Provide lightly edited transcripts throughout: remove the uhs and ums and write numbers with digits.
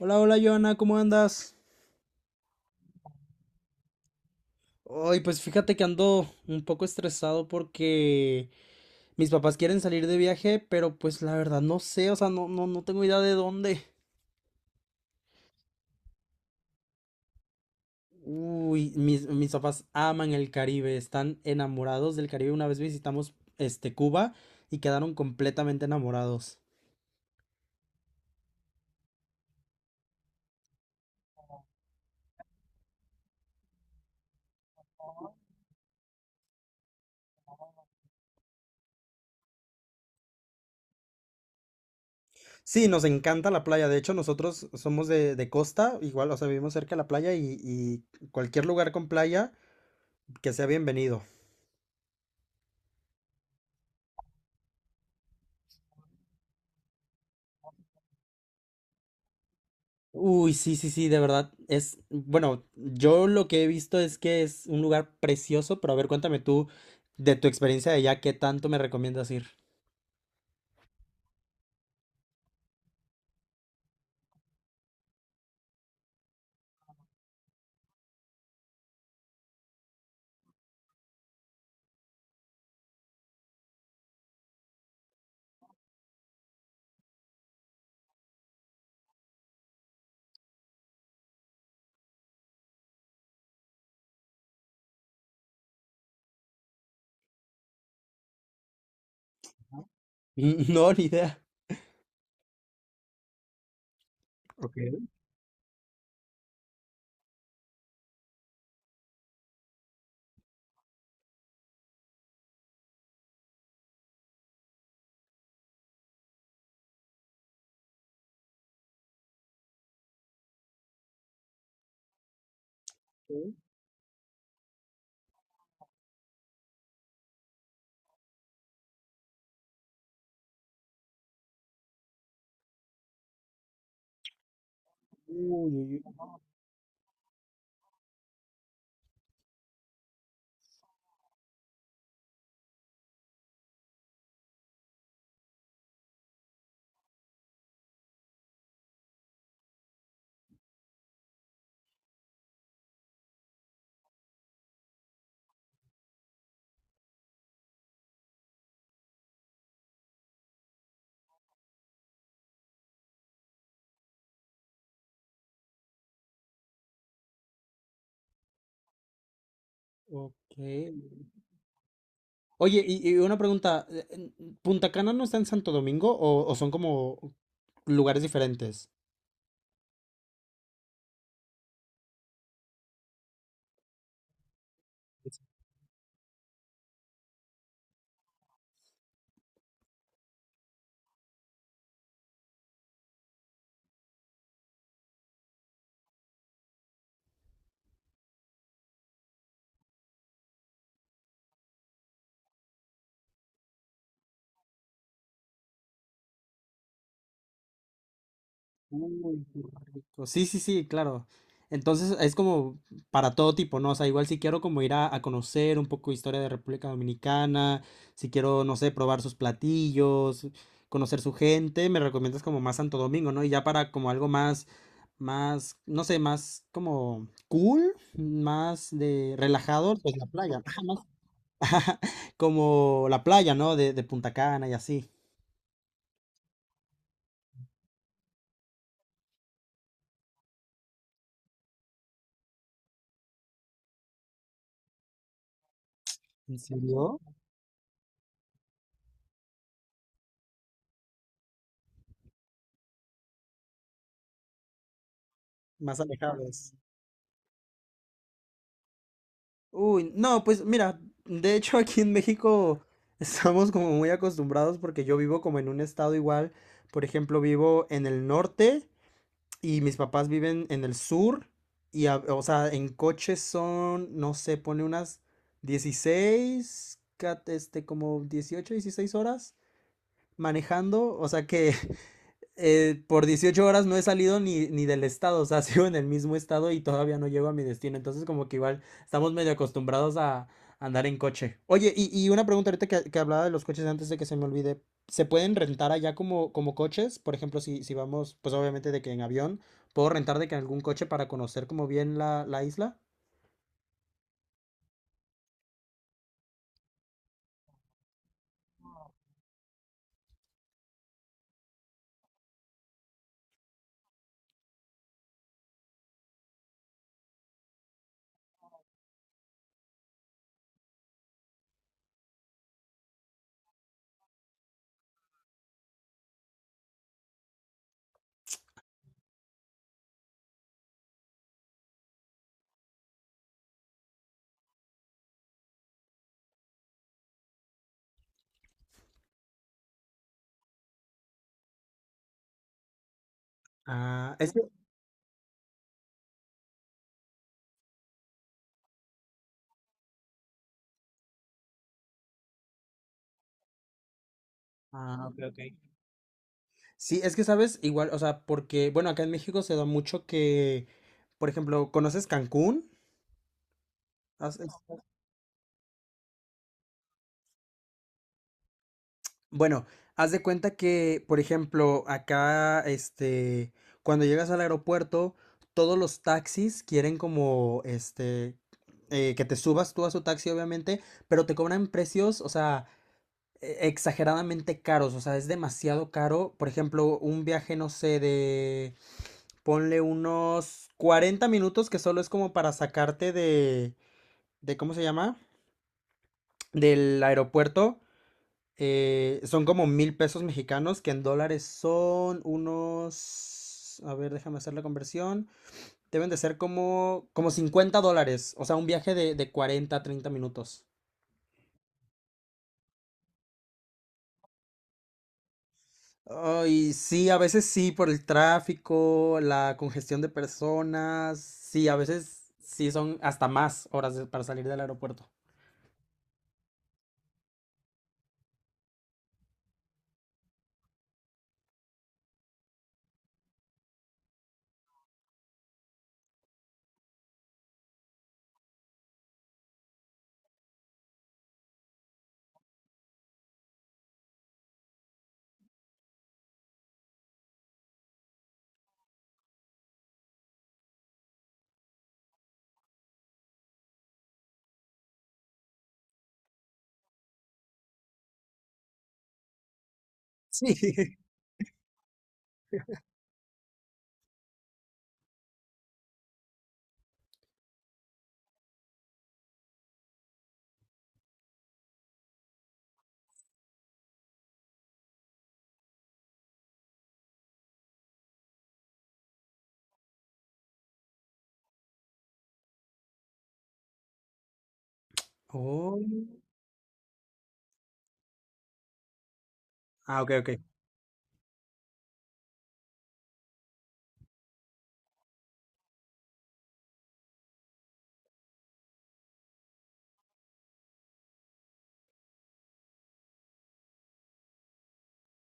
Hola, hola, Joana, ¿cómo andas? Hoy, pues fíjate que ando un poco estresado porque mis papás quieren salir de viaje, pero pues la verdad no sé, o sea, no, no, no tengo idea de dónde. Uy, mis papás aman el Caribe, están enamorados del Caribe. Una vez visitamos Cuba y quedaron completamente enamorados. Sí, nos encanta la playa. De hecho, nosotros somos de costa, igual, o sea, vivimos cerca de la playa y cualquier lugar con playa que sea bienvenido. Uy, sí, sí, sí, de verdad. Bueno, yo lo que he visto es que es un lugar precioso, pero a ver, cuéntame tú de tu experiencia de allá, ¿qué tanto me recomiendas ir? No, ni idea. Ok. Uy, uy, uy, ok. Oye, y una pregunta, ¿Punta Cana no está en Santo Domingo o son como lugares diferentes? Uy, qué rico. Sí, sí, sí, claro. Entonces es como para todo tipo, ¿no? O sea, igual si quiero como ir a conocer un poco de historia de República Dominicana, si quiero, no sé, probar sus platillos, conocer su gente, me recomiendas como más Santo Domingo, ¿no? Y ya para como algo más, más, no sé, más como cool, más de relajado, pues la playa. Ajá, como la playa, ¿no? De Punta Cana y así. ¿En serio? Más alejados. Uy, no, pues mira, de hecho aquí en México estamos como muy acostumbrados porque yo vivo como en un estado igual, por ejemplo, vivo en el norte y mis papás viven en el sur y, o sea, en coche son, no sé, pone unas 16, como 18, 16 horas manejando, o sea que por 18 horas no he salido ni del estado, o sea, sigo en el mismo estado y todavía no llego a mi destino. Entonces, como que igual estamos medio acostumbrados a andar en coche. Oye, y una pregunta ahorita que, hablaba de los coches antes de que se me olvide. ¿Se pueden rentar allá como coches? Por ejemplo, si, si vamos, pues obviamente de que en avión, ¿puedo rentar de que algún coche para conocer como bien la isla? Ah, es que... Ah, ok, ok. Sí, es que sabes, igual, o sea, porque, bueno, acá en México se da mucho que, por ejemplo, ¿conoces Cancún? Bueno, haz de cuenta que, por ejemplo, acá, cuando llegas al aeropuerto, todos los taxis quieren como, que te subas tú a su taxi, obviamente, pero te cobran precios, o sea, exageradamente caros, o sea, es demasiado caro. Por ejemplo, un viaje, no sé, de, ponle unos 40 minutos, que solo es como para sacarte de, ¿cómo se llama? Del aeropuerto. Son como 1000 pesos mexicanos, que en dólares son unos... A ver, déjame hacer la conversión. Deben de ser como, como 50 dólares, o sea, un viaje de, 40 a 30 minutos. Ay, sí, a veces sí, por el tráfico, la congestión de personas, sí, a veces sí son hasta más horas para salir del aeropuerto. Sí. Oh. Ah, ok, ok.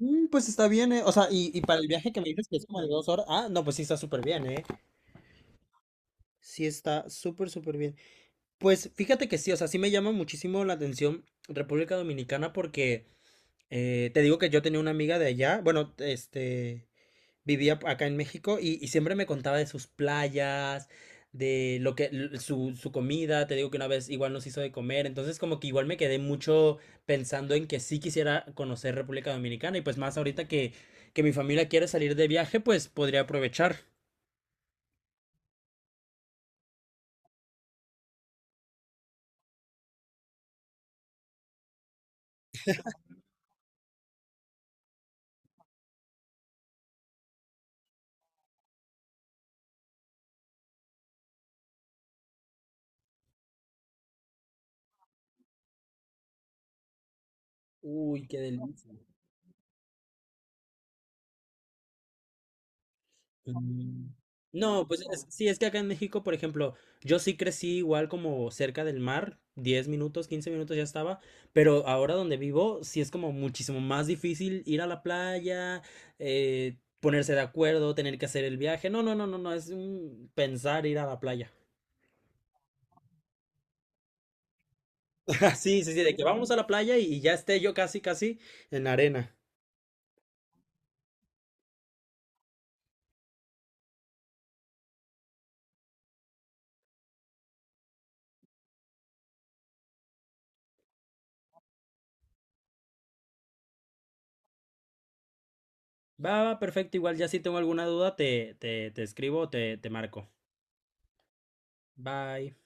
Pues está bien, eh. O sea, y para el viaje que me dices que es como de 2 horas. Ah, no, pues sí está súper bien, ¿eh? Sí, está súper, súper bien. Pues fíjate que sí, o sea, sí me llama muchísimo la atención República Dominicana porque te digo que yo tenía una amiga de allá, bueno, este, vivía acá en México y siempre me contaba de sus playas, de lo que, su comida, te digo que una vez igual nos hizo de comer, entonces como que igual me quedé mucho pensando en que sí quisiera conocer República Dominicana y pues más ahorita que, mi familia quiere salir de viaje, pues podría aprovechar. Uy, qué delicia. Mm, No, pues sí, es que acá en México, por ejemplo, yo sí crecí igual como cerca del mar, 10 minutos, 15 minutos ya estaba, pero ahora donde vivo sí es como muchísimo más difícil ir a la playa, ponerse de acuerdo, tener que hacer el viaje. No, no, no, no, no, es un pensar ir a la playa. Sí, sí, sí, de que vamos a la playa y ya esté yo casi, casi en la arena. Va, va, perfecto, igual ya si tengo alguna duda te escribo, te marco. Bye.